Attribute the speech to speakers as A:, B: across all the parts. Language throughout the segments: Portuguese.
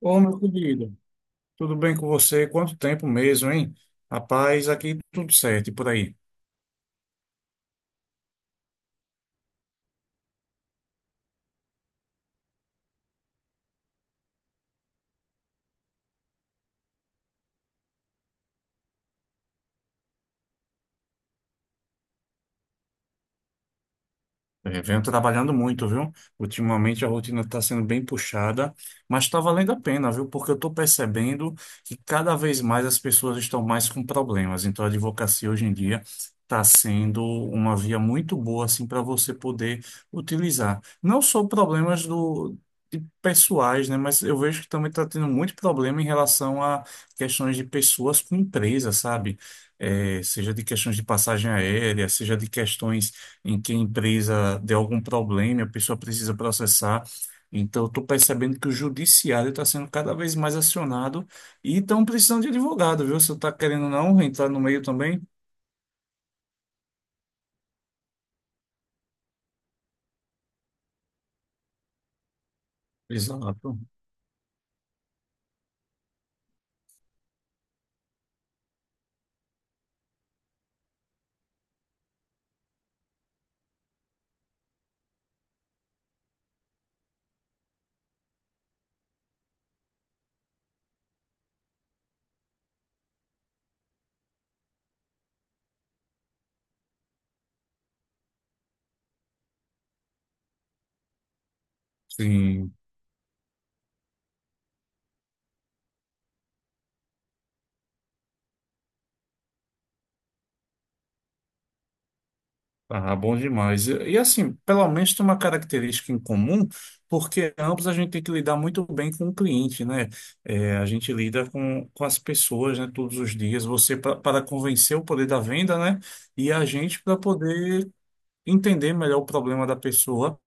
A: Ô, meu querido, tudo bem com você? Quanto tempo mesmo, hein? Rapaz, aqui tudo certo e por aí. Venho trabalhando muito, viu? Ultimamente a rotina está sendo bem puxada, mas está valendo a pena, viu? Porque eu estou percebendo que cada vez mais as pessoas estão mais com problemas. Então a advocacia hoje em dia está sendo uma via muito boa assim para você poder utilizar. Não só problemas do de pessoais, né? Mas eu vejo que também está tendo muito problema em relação a questões de pessoas com empresa, sabe? Seja de questões de passagem aérea, seja de questões em que a empresa deu algum problema, e a pessoa precisa processar. Então, estou percebendo que o judiciário está sendo cada vez mais acionado e estão precisando de advogado, viu? Você está querendo ou não entrar no meio também? Exato. Sim, ah, bom demais. Assim, pelo menos tem uma característica em comum, porque ambos a gente tem que lidar muito bem com o cliente, né? É, a gente lida com as pessoas, né, todos os dias. Você para convencer o poder da venda, né? E a gente para poder entender melhor o problema da pessoa.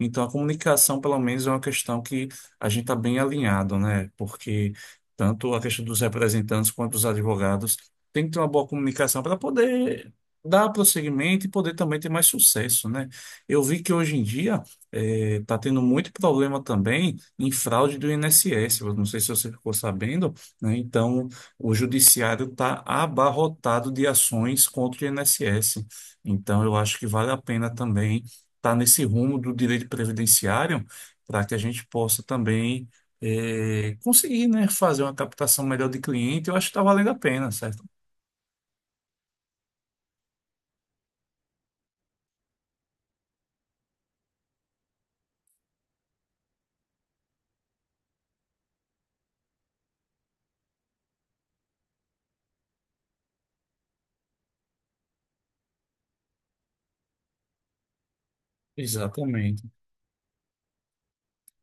A: Então, a comunicação, pelo menos, é uma questão que a gente está bem alinhado, né? Porque tanto a questão dos representantes quanto dos advogados tem que ter uma boa comunicação para poder dar prosseguimento e poder também ter mais sucesso, né? Eu vi que hoje em dia está tendo muito problema também em fraude do INSS. Eu não sei se você ficou sabendo, né? Então, o judiciário está abarrotado de ações contra o INSS. Então, eu acho que vale a pena também estar nesse rumo do direito previdenciário para que a gente possa também conseguir, né, fazer uma captação melhor de cliente. Eu acho que está valendo a pena, certo? Exatamente.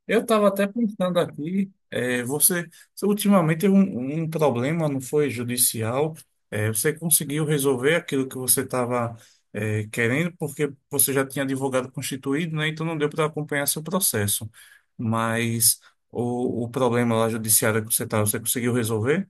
A: Eu estava até pensando aqui, você, você ultimamente teve um problema, não foi judicial, você conseguiu resolver aquilo que você estava querendo, porque você já tinha advogado constituído, né? Então não deu para acompanhar seu processo. Mas o problema lá judiciário que você estava, você conseguiu resolver?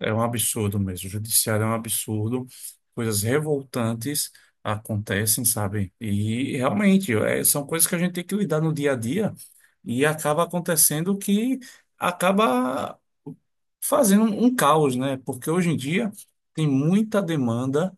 A: É um absurdo mesmo. O judiciário é um absurdo. Coisas revoltantes acontecem, sabe? E realmente é, são coisas que a gente tem que lidar no dia a dia e acaba acontecendo que acaba fazendo um caos, né? Porque hoje em dia tem muita demanda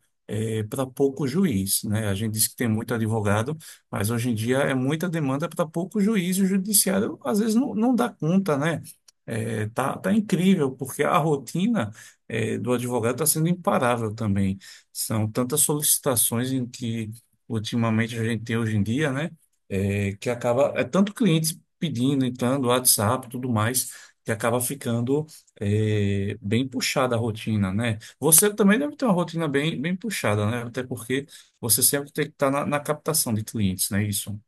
A: para pouco juiz, né? A gente diz que tem muito advogado, mas hoje em dia é muita demanda para pouco juiz e o judiciário às vezes não dá conta, né? Tá, tá incrível, porque a rotina do advogado está sendo imparável também. São tantas solicitações em que ultimamente a gente tem hoje em dia, né? Que acaba, é tanto clientes pedindo, entrando, WhatsApp, tudo mais, que acaba ficando bem puxada a rotina, né? Você também deve ter uma rotina bem puxada, né? Até porque você sempre tem que estar na captação de clientes, né isso?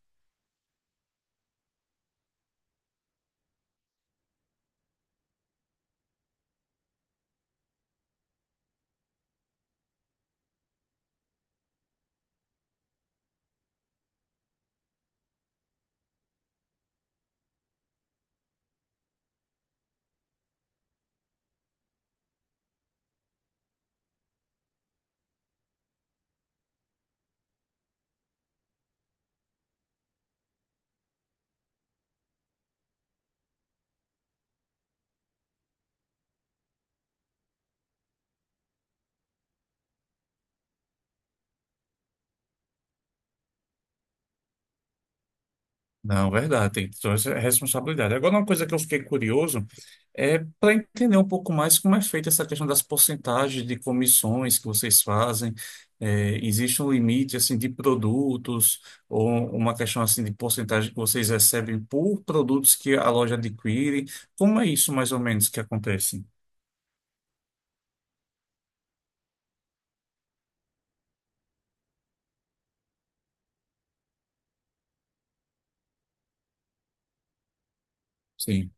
A: Não, verdade, tem toda essa responsabilidade. Agora, uma coisa que eu fiquei curioso é para entender um pouco mais como é feita essa questão das porcentagens de comissões que vocês fazem. É, existe um limite assim de produtos ou uma questão assim de porcentagem que vocês recebem por produtos que a loja adquire? Como é isso mais ou menos que acontece? Sim,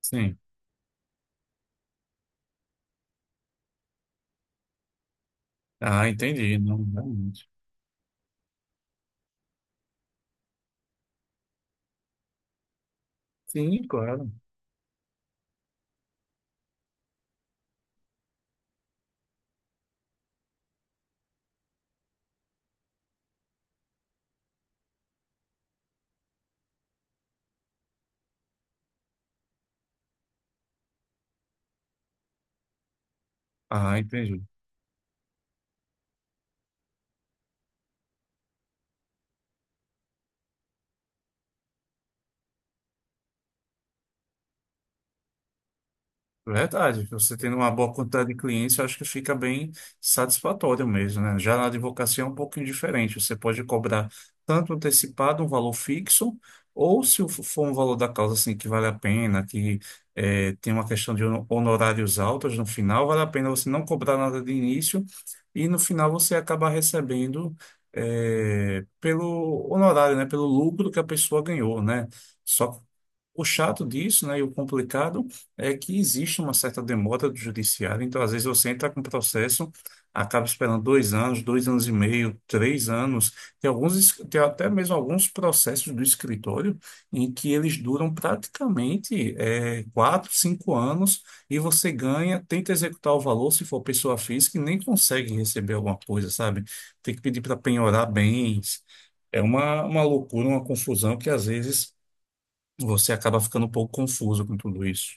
A: sim. Ah, entendi. Não, realmente. Sim, claro. Ah, entendi. Verdade, você tendo uma boa quantidade de clientes, eu acho que fica bem satisfatório mesmo, né? Já na advocacia é um pouquinho diferente, você pode cobrar tanto antecipado um valor fixo, ou se o- for um valor da causa assim que vale a pena, que tem uma questão de honorários altos no final, vale a pena você não cobrar nada de início e no final você acaba recebendo pelo honorário, né? Pelo lucro que a pessoa ganhou, né? Só que o chato disso, né, e o complicado é que existe uma certa demora do judiciário, então às vezes você entra com processo, acaba esperando dois anos e meio, três anos, tem alguns, tem até mesmo alguns processos do escritório em que eles duram praticamente quatro, cinco anos e você ganha, tenta executar o valor se for pessoa física e nem consegue receber alguma coisa, sabe? Tem que pedir para penhorar bens. É uma loucura, uma confusão que às vezes você acaba ficando um pouco confuso com tudo isso.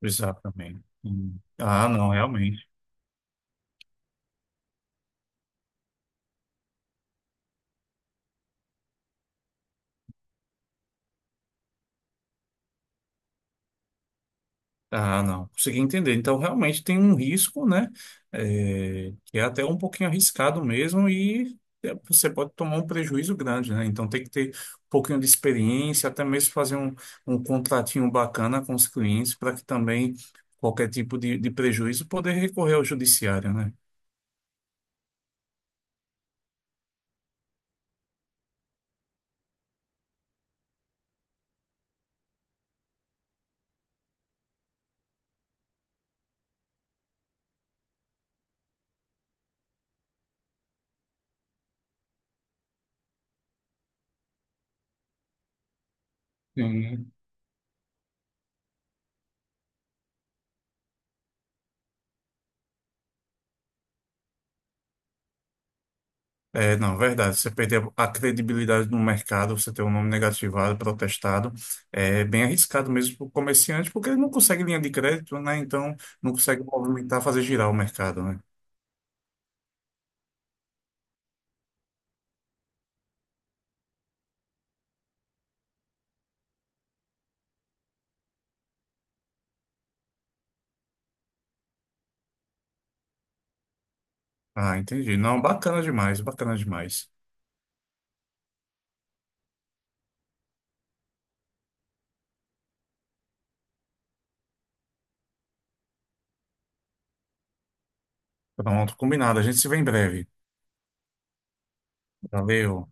A: Exatamente. Hum. Ah, não, realmente. Ah, não. Consegui entender. Então, realmente tem um risco, né? É, que é até um pouquinho arriscado mesmo e é, você pode tomar um prejuízo grande, né? Então, tem que ter um pouquinho de experiência, até mesmo fazer um contratinho bacana com os clientes para que também qualquer tipo de prejuízo poder recorrer ao judiciário, né? Sim. É, não, verdade. Você perder a credibilidade no mercado, você ter um nome negativado, protestado, é bem arriscado mesmo para o comerciante, porque ele não consegue linha de crédito, né? Então, não consegue movimentar, fazer girar o mercado, né? Ah, entendi. Não, bacana demais, bacana demais. Pronto, combinado. A gente se vê em breve. Valeu.